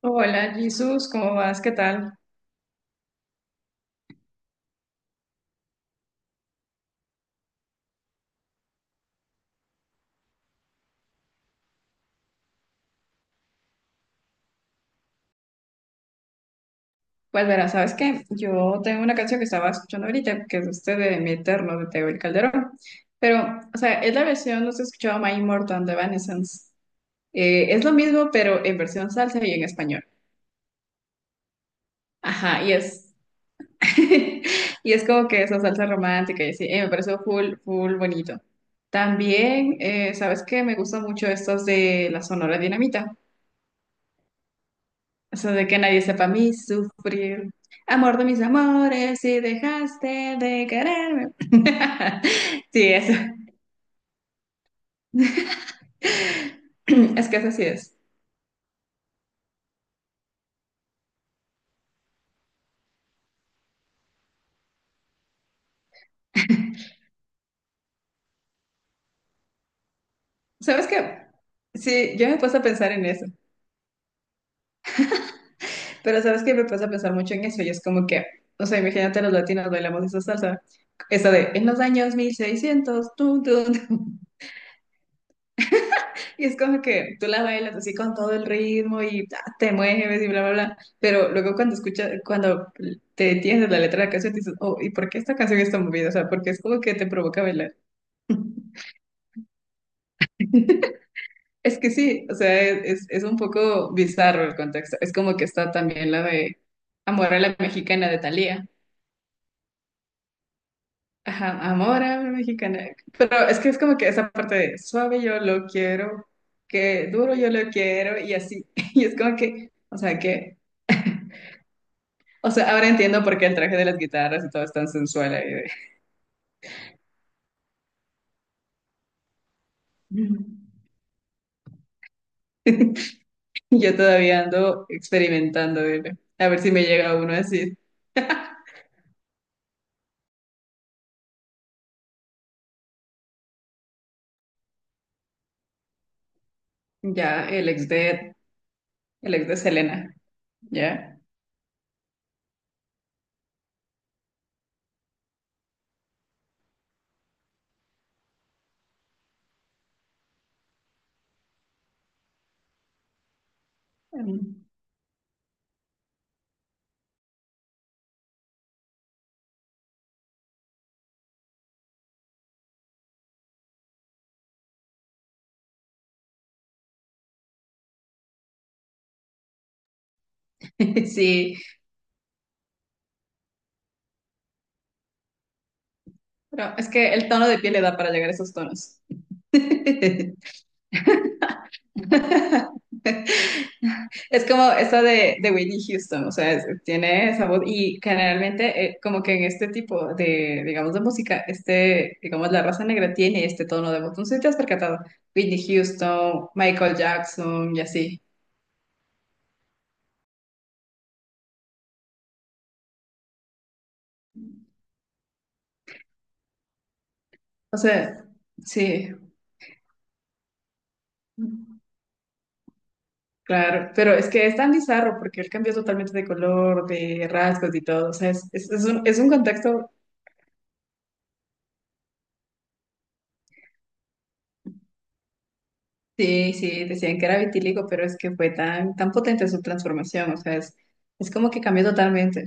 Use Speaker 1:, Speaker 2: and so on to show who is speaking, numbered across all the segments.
Speaker 1: Hola, Jesús, ¿cómo vas? ¿Qué tal? Pues verás, ¿sabes qué? Yo tengo una canción que estaba escuchando ahorita, que es este de Mi Eterno, de Teo y Calderón. Pero, o sea, es la versión, no se escuchaba My Immortal de Evanescence. Es lo mismo, pero en versión salsa y en español. Ajá, y es, y es como que esa salsa romántica, y así, me pareció full, full bonito. También, ¿sabes qué? Me gustan mucho estas de la Sonora Dinamita. O sea, de que nadie sepa a mí sufrir. Amor de mis amores, si dejaste de quererme. Sí, eso. Es que eso sí es. ¿Sabes qué? Sí, yo me he puesto a pensar en eso. Pero ¿sabes qué? Me he puesto a pensar mucho en eso. Y es como que, o sea, imagínate los latinos bailamos esa salsa. Esa de, en los años 1600, tú. Y es como que tú la bailas así con todo el ritmo y ta, te mueves y bla, bla, bla. Pero luego cuando escuchas, cuando te entiendes la letra de la canción, dices, oh, ¿y por qué esta canción está movida? O sea, porque es como que te provoca bailar. Es que sí, o sea, es un poco bizarro el contexto. Es como que está también la de Amor a la Mexicana de Thalía. Ajá, Amor a la Mexicana. Pero es que es como que esa parte de suave yo lo quiero, que duro yo lo quiero y así. Y es como que, o sea, que o sea, ahora entiendo por qué el traje de las guitarras y todo es tan sensual ahí. De- Yo todavía ando experimentando, dile. A ver si me llega uno así. Ya, el ex de Selena. Ya. Mm. Sí, pero es que el tono de piel le da para llegar a esos tonos. Es como esta de Whitney Houston, o sea, es- tiene esa voz y generalmente como que en este tipo de, digamos, de música, este, digamos, la raza negra tiene este tono de voz. No sé si te has percatado, Whitney Houston, Michael Jackson y así. O sea, sí, claro, pero es que es tan bizarro porque él cambió totalmente de color, de rasgos y todo, o sea, es un contexto, sí, sí, decían que era vitíligo, pero es que fue tan, tan potente su transformación, o sea, es como que cambió totalmente.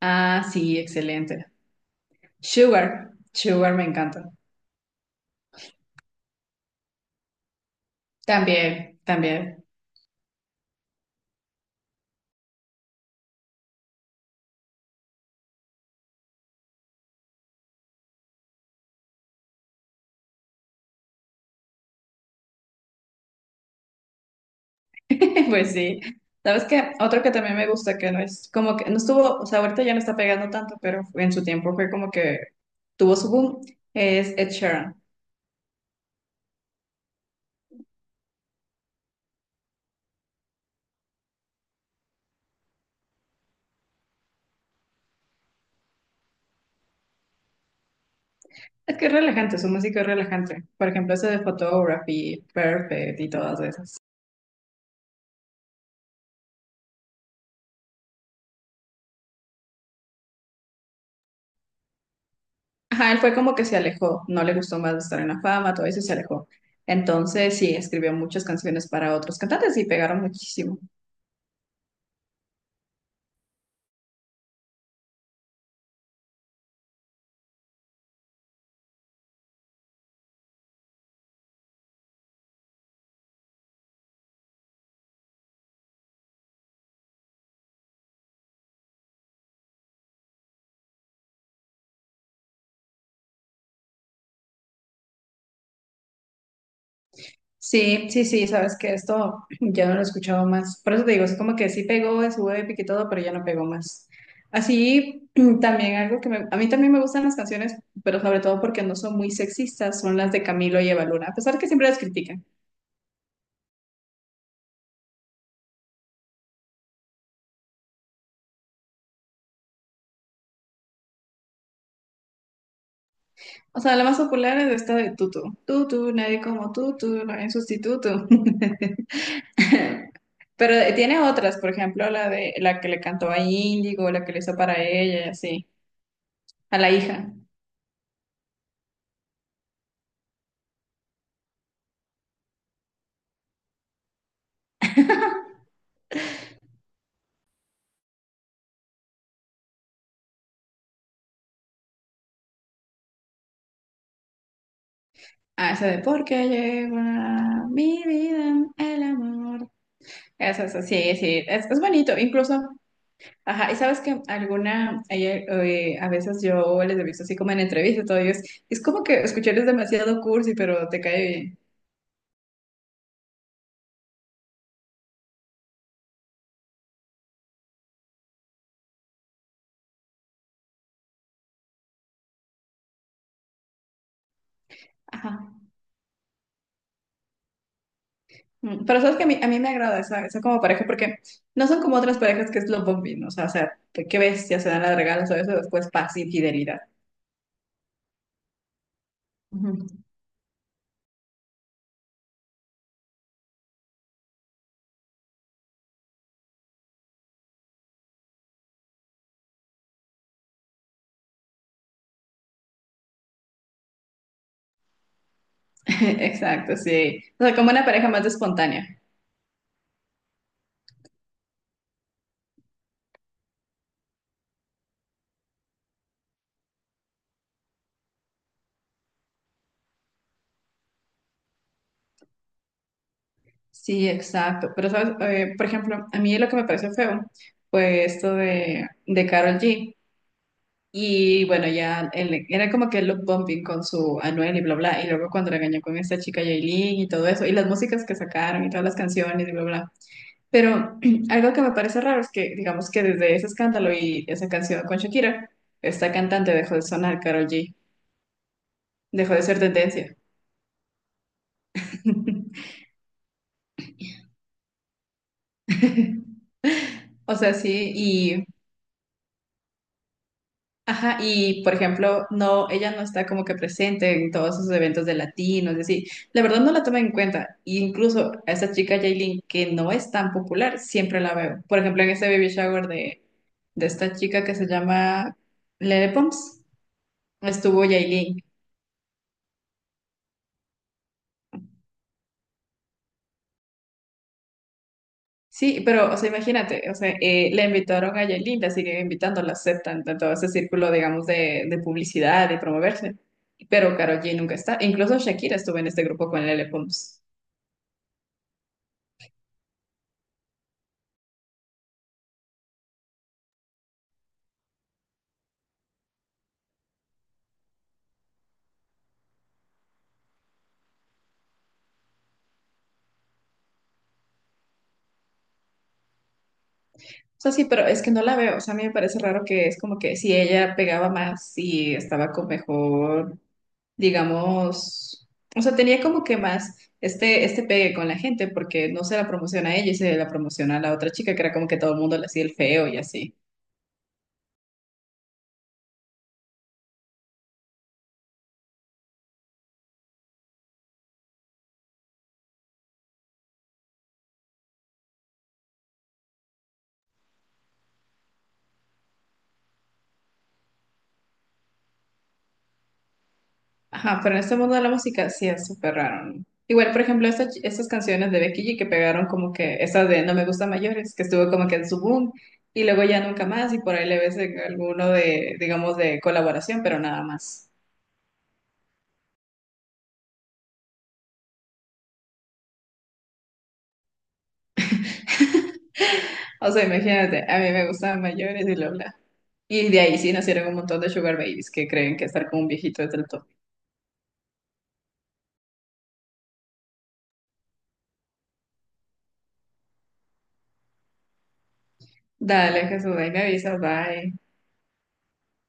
Speaker 1: Ah, sí, excelente. Sugar, Sugar me encanta. También, también. Pues sí. ¿Sabes qué? Otro que también me gusta, que no es como que no estuvo, o sea, ahorita ya no está pegando tanto, pero en su tiempo fue como que tuvo su boom, es Ed Sheeran. Es que es relajante, su música es relajante. Por ejemplo, ese de Photography, Perfect y todas esas. Ajá, él fue como que se alejó, no le gustó más estar en la fama, todo eso y se alejó. Entonces, sí, escribió muchas canciones para otros cantantes y pegaron muchísimo. Sí, sí, sí, sabes que esto ya no lo he escuchado más. Por eso te digo, es como que sí pegó en su épica y todo, pero ya no pegó más. Así, también algo que me, a mí también me gustan las canciones, pero sobre todo porque no son muy sexistas, son las de Camilo y Evaluna, a pesar que siempre las critican. O sea, la más popular es esta de Tutu. Tutu, nadie como Tutu, no hay sustituto. Pero tiene otras, por ejemplo, la de la que le cantó a Índigo, la que le hizo para ella y así, a la hija. Ah, esa de porque llegó a mi vida el amor. Esa, sí, sí, es bonito, incluso. Ajá, y sabes que alguna, ayer, a veces yo les he visto así como en entrevistas, todo, y es como que escuchar es demasiado cursi, pero te cae bien. Ajá. Mm, pero sabes que a mí me agrada esa, esa como pareja, porque no son como otras parejas que es lo bombín, o sea, que ves, ya se dan las regalos o eso, después paz y fidelidad. Ujú. Exacto, sí. O sea, como una pareja más espontánea. Sí, exacto. Pero, ¿sabes? Por ejemplo, a mí lo que me pareció feo fue esto de Karol G. Y bueno, ya él- era como que el look bumping con su Anuel y bla, bla. Y luego cuando regañó con esta chica Yailin y todo eso, y las músicas que sacaron y todas las canciones y bla, bla. Pero algo que me parece raro es que, digamos que desde ese escándalo y esa canción con Shakira, esta cantante dejó de sonar Karol G, dejó de ser tendencia. O sea, sí. Ajá, y por ejemplo, no, ella no está como que presente en todos esos eventos de latinos, es decir, la verdad no la toma en cuenta. E incluso a esa chica Jailin, que no es tan popular, siempre la veo. Por ejemplo, en ese baby shower de esta chica que se llama Lele Pons, estuvo Yailin. Sí, pero, o sea, imagínate, o sea, le invitaron a Yailin, la siguen invitando, la aceptan, de todo ese círculo, digamos, de publicidad y promoverse. Pero Karol G nunca está. Incluso Shakira estuvo en este grupo con Lele Pons. O sea, sí, pero es que no la veo. O sea, a mí me parece raro que es como que si ella pegaba más y estaba con mejor, digamos, o sea, tenía como que más este, este pegue con la gente porque no se la promociona a ella y se la promociona a la otra chica, que era como que todo el mundo le hacía el feo y así. Ajá, pero en este mundo de la música sí es súper raro. ¿No? Igual, por ejemplo, estas, estas canciones de Becky G que pegaron como que, esta de No me gusta mayores, que estuvo como que en su boom y luego ya nunca más y por ahí le ves en alguno de, digamos, de colaboración, pero nada más. O sea, imagínate, a mí me gustaban mayores y bla, bla. Y de ahí sí nacieron un montón de sugar babies que creen que estar con un viejito es del top. Dale, Jesús, ahí me avisas, bye.